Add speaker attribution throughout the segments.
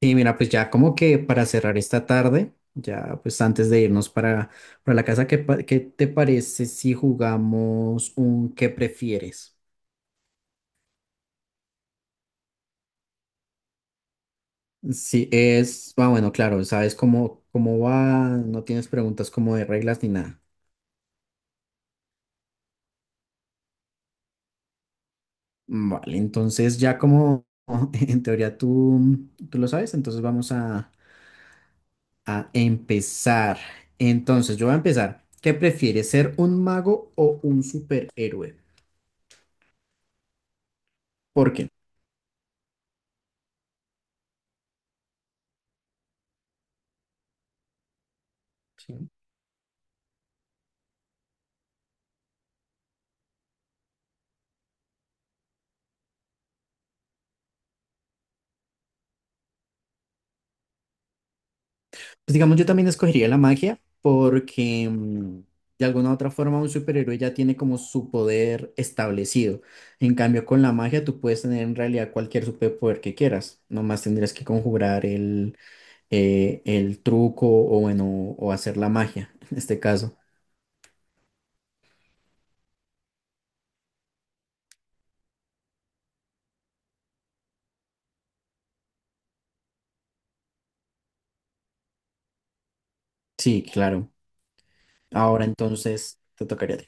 Speaker 1: Y mira, pues ya como que para cerrar esta tarde, ya pues antes de irnos para la casa. ¿Qué te parece si jugamos un qué prefieres? Sí, bueno, claro, sabes cómo va. No tienes preguntas como de reglas ni nada. Vale, entonces ya como en teoría tú lo sabes, entonces vamos a empezar. Entonces yo voy a empezar. ¿Qué prefieres, ser un mago o un superhéroe? ¿Por qué? Sí. Pues digamos, yo también escogería la magia porque de alguna u otra forma un superhéroe ya tiene como su poder establecido. En cambio, con la magia tú puedes tener en realidad cualquier superpoder que quieras. Nomás tendrías que conjurar el truco o bueno, o hacer la magia en este caso. Sí, claro. Ahora entonces te tocaría a ti.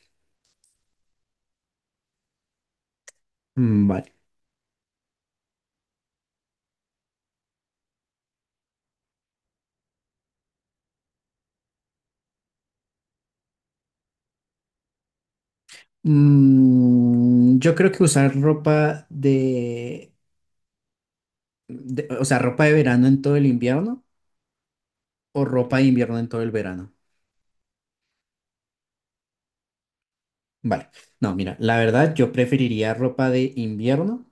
Speaker 1: Mm, vale. Yo creo que usar ropa o sea, ropa de verano en todo el invierno o ropa de invierno en todo el verano. Vale. No, mira, la verdad yo preferiría ropa de invierno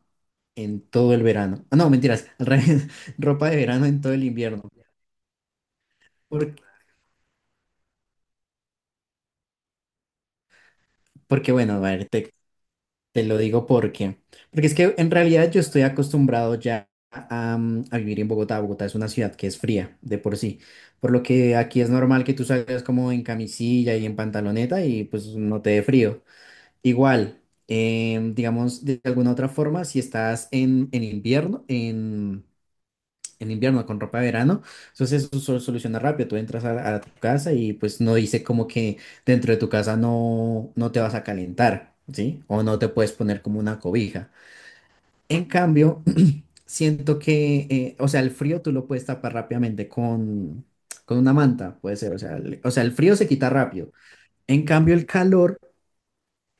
Speaker 1: en todo el verano. Ah, no, mentiras, al revés, ropa de verano en todo el invierno. Por- porque bueno, a ver, te lo digo porque es que en realidad yo estoy acostumbrado ya a vivir en Bogotá. Bogotá es una ciudad que es fría de por sí. Por lo que aquí es normal que tú salgas como en camisilla y en pantaloneta y pues no te dé frío. Igual, digamos, de alguna otra forma, si estás en invierno, en invierno con ropa de verano, entonces eso se soluciona rápido. Tú entras a tu casa y pues no dice como que dentro de tu casa no te vas a calentar, ¿sí? O no te puedes poner como una cobija. En cambio, siento que, o sea, el frío tú lo puedes tapar rápidamente con, una manta, puede ser. O sea, o sea, el frío se quita rápido. En cambio, el calor.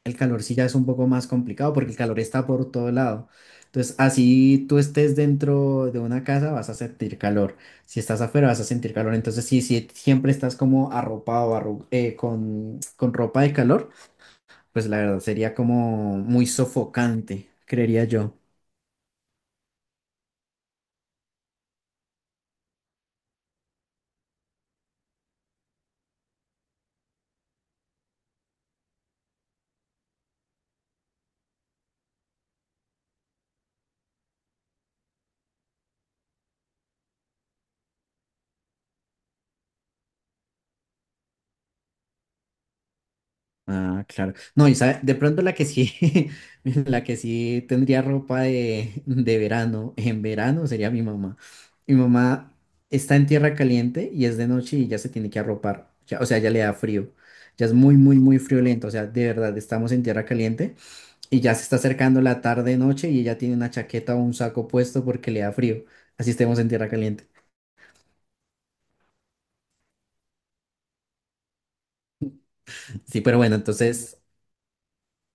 Speaker 1: El calor sí ya es un poco más complicado porque el calor está por todo lado. Entonces, así tú estés dentro de una casa, vas a sentir calor. Si estás afuera, vas a sentir calor. Entonces, si siempre estás como arropado, con ropa de calor, pues la verdad sería como muy sofocante, creería yo. Ah, claro. No, y sabe, de pronto la que sí, la que sí tendría ropa de verano, en verano sería mi mamá. Mi mamá está en tierra caliente y es de noche y ya se tiene que arropar. O sea, ya le da frío. Ya es muy, muy, muy friolento. O sea, de verdad, estamos en tierra caliente y ya se está acercando la tarde, noche y ella tiene una chaqueta o un saco puesto porque le da frío. Así estemos en tierra caliente. Sí, pero bueno, entonces,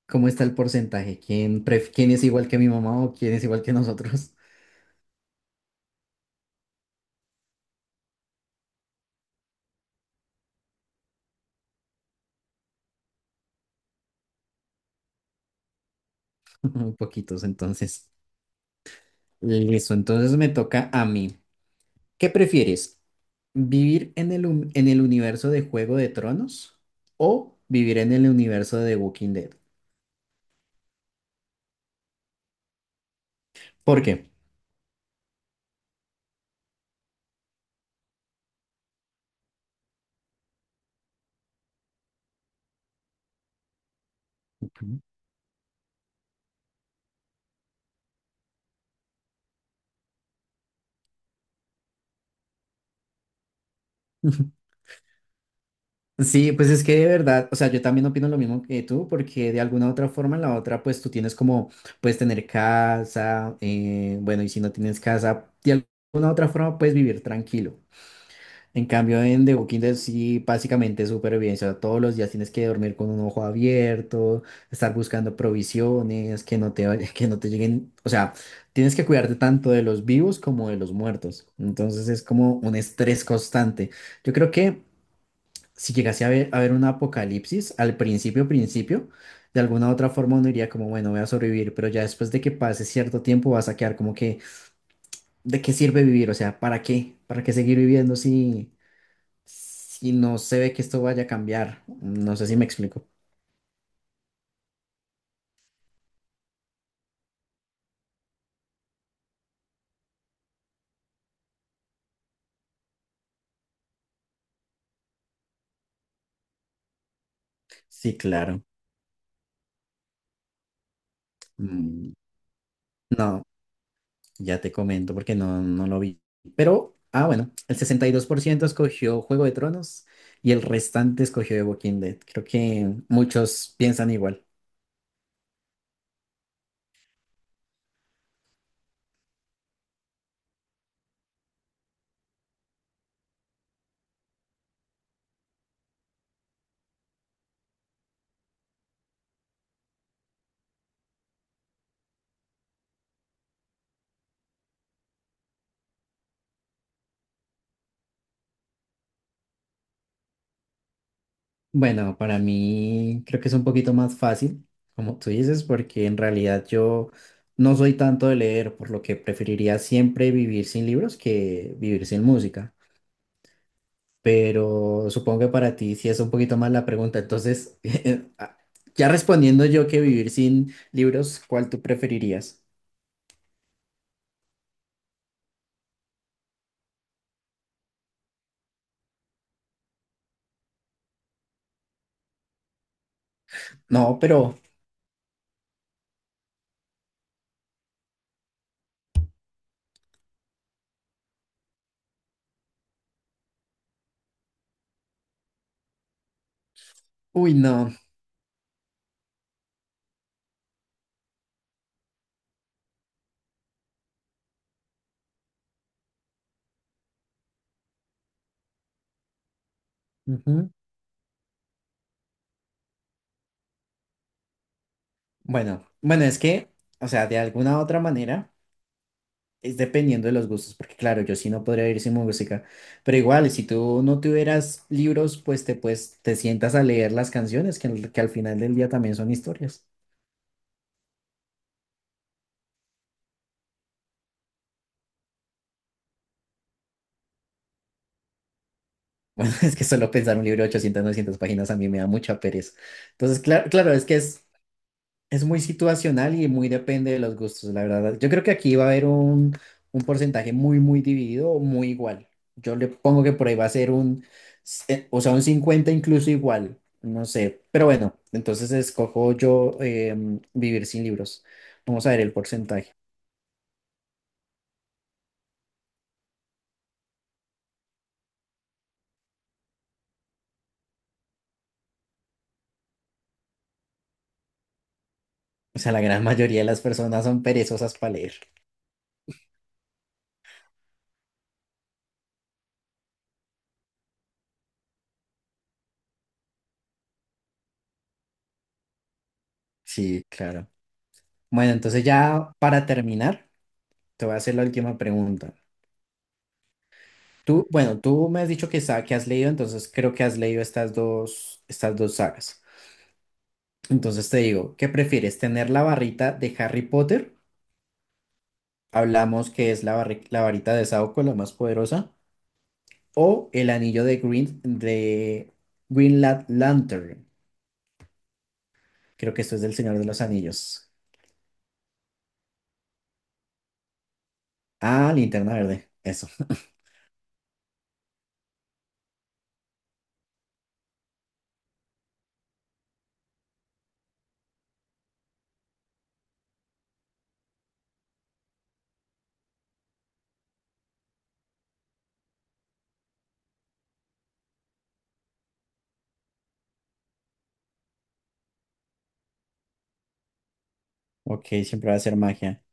Speaker 1: ¿cómo está el porcentaje? ¿Quién es igual que mi mamá o quién es igual que nosotros? Muy poquitos, entonces. Listo, entonces me toca a mí. ¿Qué prefieres? ¿Vivir en el universo de Juego de Tronos o vivir en el universo de The Walking Dead? ¿Por qué? Ujú. Sí, pues es que de verdad, o sea, yo también opino lo mismo que tú, porque de alguna u otra forma, en la otra, pues tú tienes como, puedes tener casa, bueno, y si no tienes casa, de alguna u otra forma puedes vivir tranquilo. En cambio, en The Walking Dead sí, básicamente es supervivencia. Todos los días tienes que dormir con un ojo abierto, estar buscando provisiones, que no te, vaya- que no te lleguen. O sea, tienes que cuidarte tanto de los vivos como de los muertos. Entonces es como un estrés constante. Yo creo que si llegase a ver a haber un apocalipsis, al principio, principio, de alguna u otra forma uno diría como, bueno, voy a sobrevivir, pero ya después de que pase cierto tiempo vas a quedar como que, ¿de qué sirve vivir? O sea, ¿para qué? ¿Para qué seguir viviendo si no se ve que esto vaya a cambiar, no sé si me explico. Sí, claro. Mm, No, ya te comento porque no lo vi. Pero, ah, bueno, el 62% escogió Juego de Tronos y el restante escogió The Walking Dead. Creo que muchos piensan igual. Bueno, para mí creo que es un poquito más fácil, como tú dices, porque en realidad yo no soy tanto de leer, por lo que preferiría siempre vivir sin libros que vivir sin música. Pero supongo que para ti sí es un poquito más la pregunta. Entonces, ah, ya respondiendo yo que vivir sin libros, ¿cuál tú preferirías? No, pero, uy, no. Ujú. Bueno, bueno, es que, o sea, de alguna u otra manera, es dependiendo de los gustos, porque claro, yo sí no podría vivir sin música, pero igual, si tú no tuvieras libros, pues te sientas a leer las canciones, que al final del día también son historias. Bueno, es que solo pensar un libro de 800, 900 páginas a mí me da mucha pereza. Entonces, claro, claro, es que es muy situacional y muy depende de los gustos, la verdad. Yo creo que aquí va a haber un porcentaje muy, muy dividido o muy igual. Yo le pongo que por ahí va a ser un, se- o sea, un 50 incluso igual, no sé. Pero bueno, entonces escojo yo vivir sin libros. Vamos a ver el porcentaje. O sea, la gran mayoría de las personas son perezosas para leer. Sí, claro. Bueno, entonces ya para terminar. Te voy a hacer la última pregunta. Tú, bueno, tú me has dicho que has leído, entonces creo que has leído estas dos sagas. Entonces te digo, ¿qué prefieres? ¿Tener la barrita de Harry Potter? Hablamos que es la varita de Saúco, la más poderosa. ¿O el anillo de Green Lantern? Creo que esto es del Señor de los Anillos. Ah, Linterna Verde. Eso. Ok, siempre va a ser magia.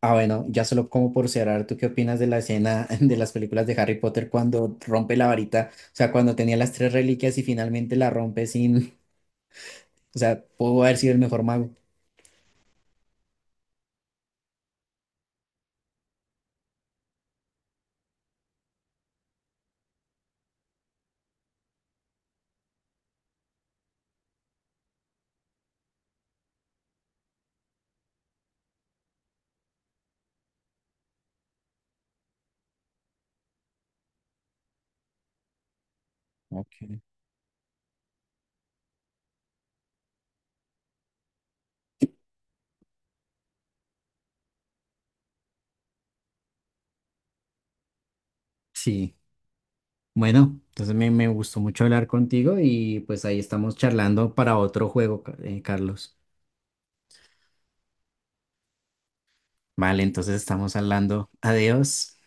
Speaker 1: Ah, bueno, ya solo como por cerrar, ¿tú qué opinas de la escena de las películas de Harry Potter cuando rompe la varita? O sea, cuando tenía las tres reliquias y finalmente la rompe sin, o sea, pudo haber sido el mejor mago. Okay. Sí, bueno, entonces me gustó mucho hablar contigo y pues ahí estamos charlando para otro juego, Carlos. Vale, entonces estamos hablando. Adiós.